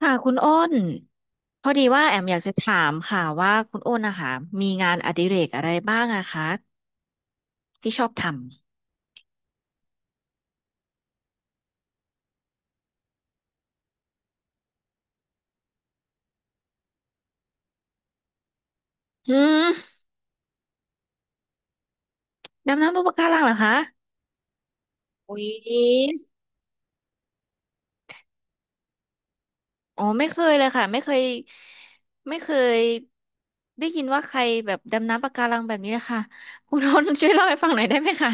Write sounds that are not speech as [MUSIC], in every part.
ค่ะคุณอ้นพอดีว่าแอมอยากจะถามค่ะว่าคุณอ้นนะคะมีงานอดิเรกอะไรบ้างอะคะที่ชอบทำหืมดำน้ำบนปะการังเหรอคะอุ๊ยอ๋อไม่เคยเลยค่ะไม่เคยได้ยินว่าใครแบบดำน้ำปะการังแบบนี้นะคะคุณอ้น [LAUGHS] ช่วยเล่าให้ฟังหน่อยได้ไหมคะ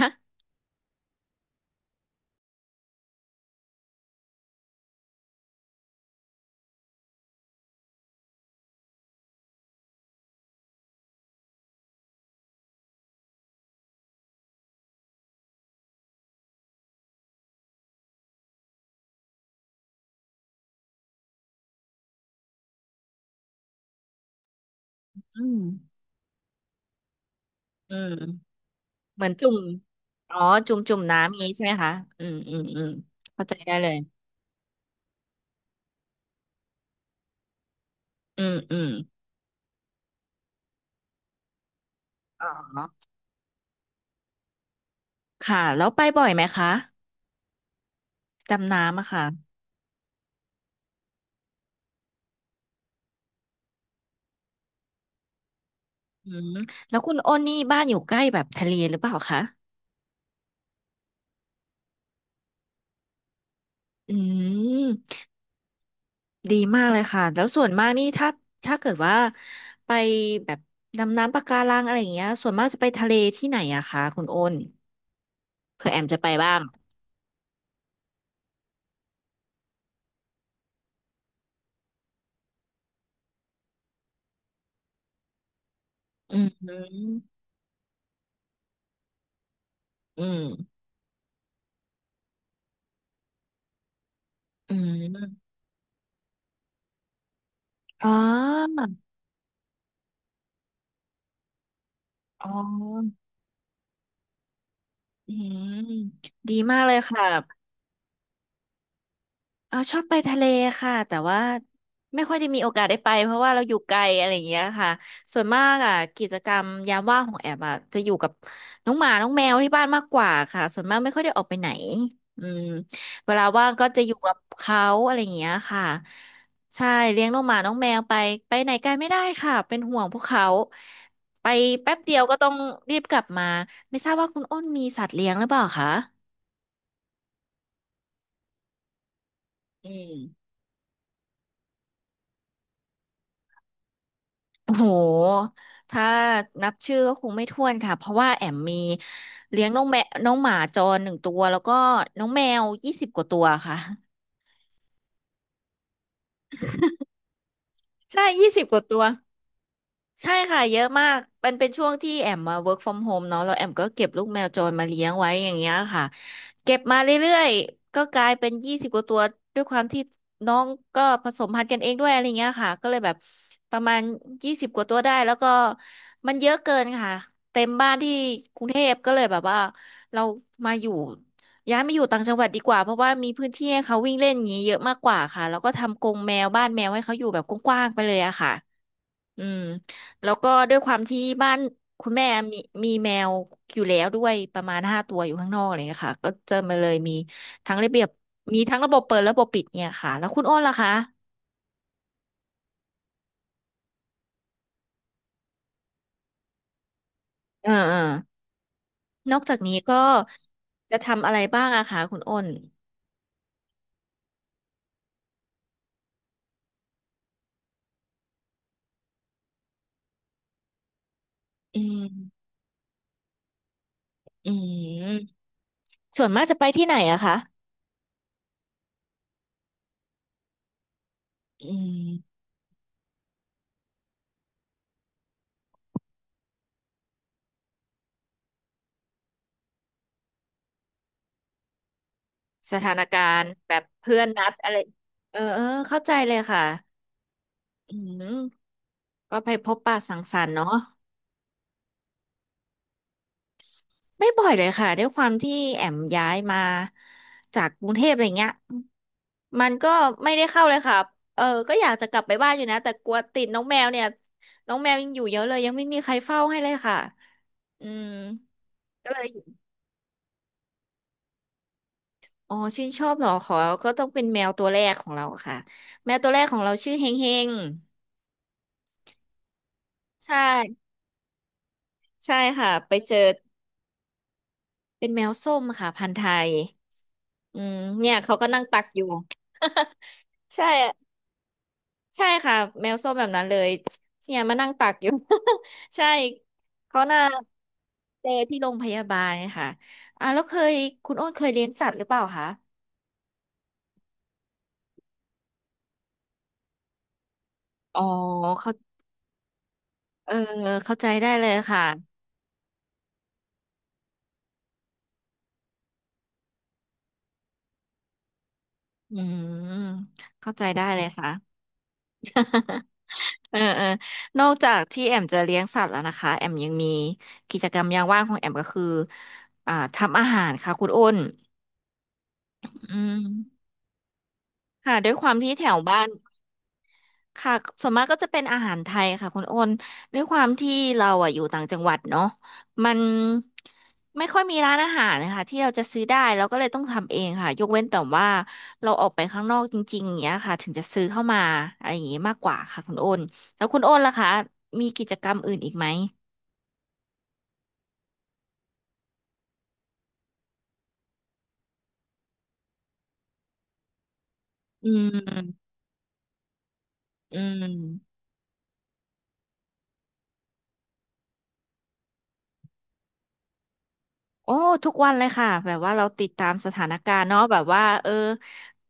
อืมอืมเหมือนจุ่มอ๋อจุ่มน้ำอย่างนี้ใช่ไหมคะอืมอืมอืมเข้าใจได้เลยอืมอืมอ๋อ ค่ะแล้วไปบ่อยไหมคะดำน้ำอะค่ะอืมแล้วคุณอ้นนี่บ้านอยู่ใกล้แบบทะเลหรือเปล่าคะอืมดีมากเลยค่ะแล้วส่วนมากนี่ถ้าเกิดว่าไปแบบดำน้ำปะการังอะไรอย่างเงี้ยส่วนมากจะไปทะเลที่ไหนอะคะคุณโอนเผื่อแอมจะไปบ้างอืมอืมอืมอ๋ออ๋ออืมดีมากเลยค่ะ เออชอบไปทะเลค่ะแต่ว่าไม่ค่อยได้มีโอกาสได้ไปเพราะว่าเราอยู่ไกลอะไรอย่างเงี้ยค่ะส่วนมากอ่ะกิจกรรมยามว่างของแอบอ่ะจะอยู่กับน้องหมาน้องแมวที่บ้านมากกว่าค่ะส่วนมากไม่ค่อยได้ออกไปไหนอืมเวลาว่างก็จะอยู่กับเขาอะไรอย่างเงี้ยค่ะใช่เลี้ยงน้องหมาน้องแมวไปไหนไกลไม่ได้ค่ะเป็นห่วงพวกเขาไปแป๊บเดียวก็ต้องรีบกลับมาไม่ทราบว่าคุณอ้นมีสัตว์เลี้ยงหรือเปล่าคะอืม โอ้โห ถ้านับชื่อก็คงไม่ถ้วนค่ะ เพราะว่าแอมมีเลี้ยงน้องแมวน้องหมาจรหนึ่งตัวแล้วก็น้องแมวยี่สิบกว่าตัวค่ะใช่ยี่สิบกว่าตัว ใช่ค่ะเยอะมากมันเป็นช่วงที่แอมมา work from home เนาะแล้วแอมก็เก็บลูกแมวจรมาเลี้ยงไว้อย่างเงี้ยค่ะเก็บมาเรื่อยๆก็กลายเป็นยี่สิบกว่าตัวด้วยความที่น้องก็ผสมพันธุ์กันเองด้วยอะไรเงี้ยค่ะก็เลยแบบประมาณยี่สิบกว่าตัวได้แล้วก็มันเยอะเกินค่ะเต็มบ้านที่กรุงเทพก็เลยแบบว่าเรามาอยู่ย้ายมาอยู่ต่างจังหวัดดีกว่าเพราะว่ามีพื้นที่ให้เขาวิ่งเล่นอย่างนี้เยอะมากกว่าค่ะแล้วก็ทำกรงแมวบ้านแมวให้เขาอยู่แบบกว้างๆไปเลยอะค่ะ อืมแล้วก็ด้วยความที่บ้านคุณแม่มีมีแมวอยู่แล้วด้วยประมาณห้าตัวอยู่ข้างนอกอะไรเลยค่ะก็จะมาเลยมีทั้งระเบียบมีทั้งระบบเปิดระบบปิดเนี่ยค่ะแล้วคุณอ้นล่ะคะเออเออนอกจากนี้ก็จะทำอะไรบ้างอะคะคุณอ้นอืมอืมส่วนมากจะไปที่ไหนอะคะอืมสถานการณ์แบบเพื่อนนัดอะไรเออเออเข้าใจเลยค่ะอืมก็ไปพบปะสังสรรค์เนาะ ไม่บ่อยเลยค่ะด้วยความที่แอมย้ายมาจากกรุงเทพอะไรเงี้ยมันก็ไม่ได้เข้าเลยค่ะเออก็อยากจะกลับไปบ้านอยู่นะแต่กลัวติดน้องแมวเนี่ยน้องแมวยังอยู่เยอะเลยยังไม่มีใครเฝ้าให้เลยค่ะอืมก็เลยอ๋อชื่นชอบเหรอขอก็ต้องเป็นแมวตัวแรกของเราค่ะแมวตัวแรกของเราชื่อเฮงเฮงใช่ใช่ค่ะไปเจอเป็นแมวส้มค่ะพันธุ์ไทยอืมเนี่ยเขาก็นั่งตักอยู่ [LAUGHS] ใช่ ใช่ค่ะแมวส้มแบบนั้นเลยเนี่ยมานั่งตักอยู่ [LAUGHS] ใช่เขาน่าเจอที่โรงพยาบาลค่ะอ่าแล้วเคยคุณโอ้นเคยเลี้ยงสัตว์หรือเปล่าคะอ๋อเขาเออเข้าใจได้เลยค่ะอืมเข้าใจได้เลยค่ะ [LAUGHS] เออเออนอกจากที่แอมจะเลี้ยงสัตว์แล้วนะคะแอมยังมีกิจกรรมยามว่างของแอมก็คืออ่าทำอาหารค่ะคุณอ้นอืมค่ะด้วยความที่แถวบ้าน ค่ะส่วนมากก็จะเป็นอาหารไทยค่ะคุณโอนด้วยความที่เราอ่ะอยู่ต่างจังหวัดเนาะมันไม่ค่อยมีร้านอาหารนะคะที่เราจะซื้อได้เราก็เลยต้องทำเองค่ะยกเว้นแต่ว่าเราออกไปข้างนอกจริงๆอย่างเงี้ยค่ะถึงจะซื้อเข้ามาอะไรอย่างงี้มากกว่าค่ะคุณโอนแล้วคุณโอนล่ะคะมีกิจกรรมอื่นอีกไหมอืมอืม โอ้ทุกวันเลยค่ะแบบว่าเราติดตามสถานการณ์เนาะแบบว่าเออ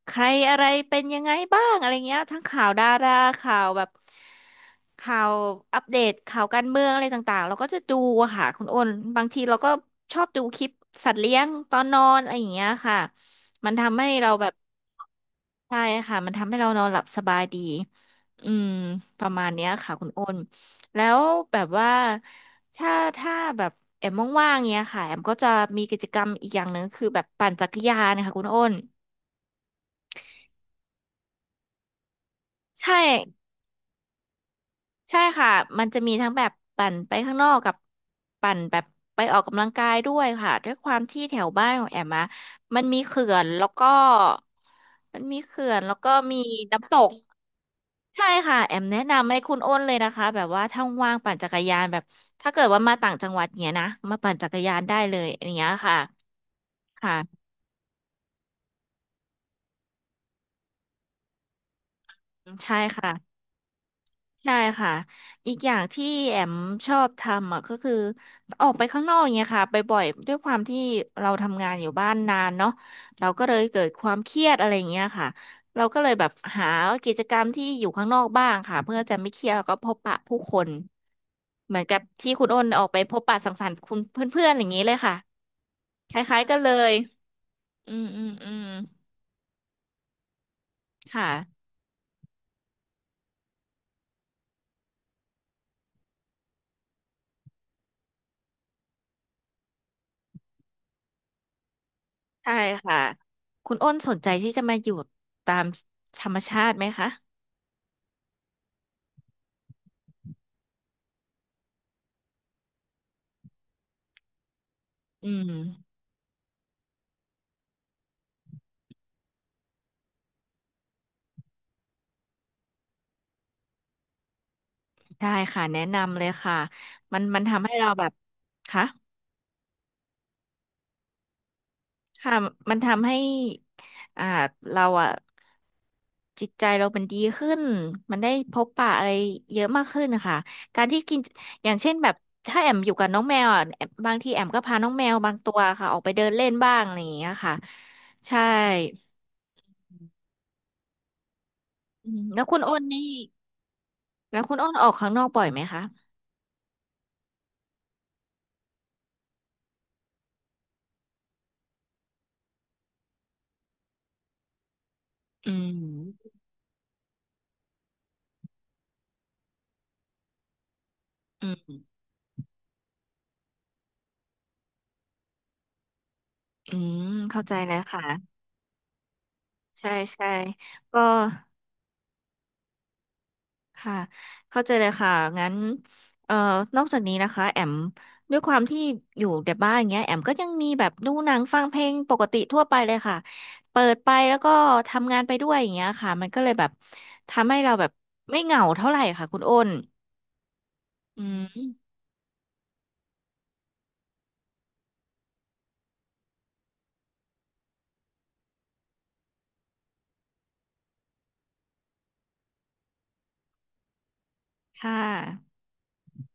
ใครอะไรเป็นยังไงบ้างอะไรเงี้ยทั้งข่าวดาราข่าวแบบข่าวอัปเดตข่าวการเมืองอะไรต่างๆเราก็จะดูอะค่ะคุณอ้นบางทีเราก็ชอบดูคลิปสัตว์เลี้ยงตอนนอนอะไรอย่างเงี้ยค่ะมันทำให้เราแบบ ใช่ค่ะมันทำให้เรานอนหลับสบายดีอืมประมาณเนี้ยค่ะคุณโอ้นแล้วแบบว่าถ้าถ้าแบบแอมว่างๆเนี้ยค่ะแอมก็จะมีกิจกรรมอีกอย่างหนึ่งคือแบบปั่นจักรยานนะคะคุณโอ้นใช่ใช่ค่ะมันจะมีทั้งแบบปั่นไปข้างนอกกับปั่นแบบไปออกกำลังกายด้วยค่ะด้วยความที่แถวบ้านของแอมอะมันมีเขื่อนแล้วก็มันมีเขื่อนแล้วก็มีน้ำตก ใช่ค่ะแอมแนะนำให้คุณอ้นเลยนะคะแบบว่าถ้าว่างปั่นจักรยานแบบถ้าเกิดว่ามาต่างจังหวัดเนี้ยนะมาปั่นจักรยานได้เลยอย่างเงี้ยค่ะค่ะใช่ค่ะ ใช่ค่ะอีกอย่างที่แอมชอบทำอ่ะก็คือออกไปข้างนอกอย่างเงี้ยค่ะไปบ่อยด้วยความที่เราทำงานอยู่บ้านนานเนาะเราก็เลยเกิดความเครียดอะไรอย่างเงี้ยค่ะเราก็เลยแบบหากิจกรรมที่อยู่ข้างนอกบ้างค่ะเพื่อจะไม่เครียดแล้วก็พบปะผู้คนเหมือนกับที่คุณอ้นออกไปพบปะสังสรรค์คุณเพื่อนๆอย่างนี้เลยค่ะคล้ายๆกันเลยอืมอืมอืมค่ะใช่ค่ะคุณอ้นสนใจที่จะมาอยู่ตามธรรมชาติไหมคะอืม ได้ค่ะแนะนำเลยค่ะมันทำให้เราแบบค่ะค่ะมันทำให้อ่าเราอ่ะจิตใจเรามันดีขึ้นมันได้พบปะอะไรเยอะมากขึ้นนะคะการที่กินอย่างเช่นแบบถ้าแอมอยู่กับน้องแมวอ่ะแอมบางทีแอมก็พาน้องแมวบางตัวค่ะออกไปเดินเล่นบ้างอะไรอย่างเงี้ยค่ะใช่อืมแล้วคุณอ้นนี่แล้วคุณอ้นออกข้างนอกบ่อยไหมคะอืมอืมอืมเข้าใจแล้วค่ะ ใช่ใช่ก็ค่ะเข้าใจเลยค่ะงั้นเอ่อนอกจากนี้นะคะแอมด้วยความที่อยู่แต่บ้านเงี้ยแอมก็ยังมีแบบดูหนังฟังเพลงปกติทั่วไปเลยค่ะเปิดไปแล้วก็ทำงานไปด้วยอย่างเงี้ยค่ะมันก็เลยแบบทำให้เราแบบไม่เหงาเท่าไหร่ค่ะคุณอ้นอืมค่ะ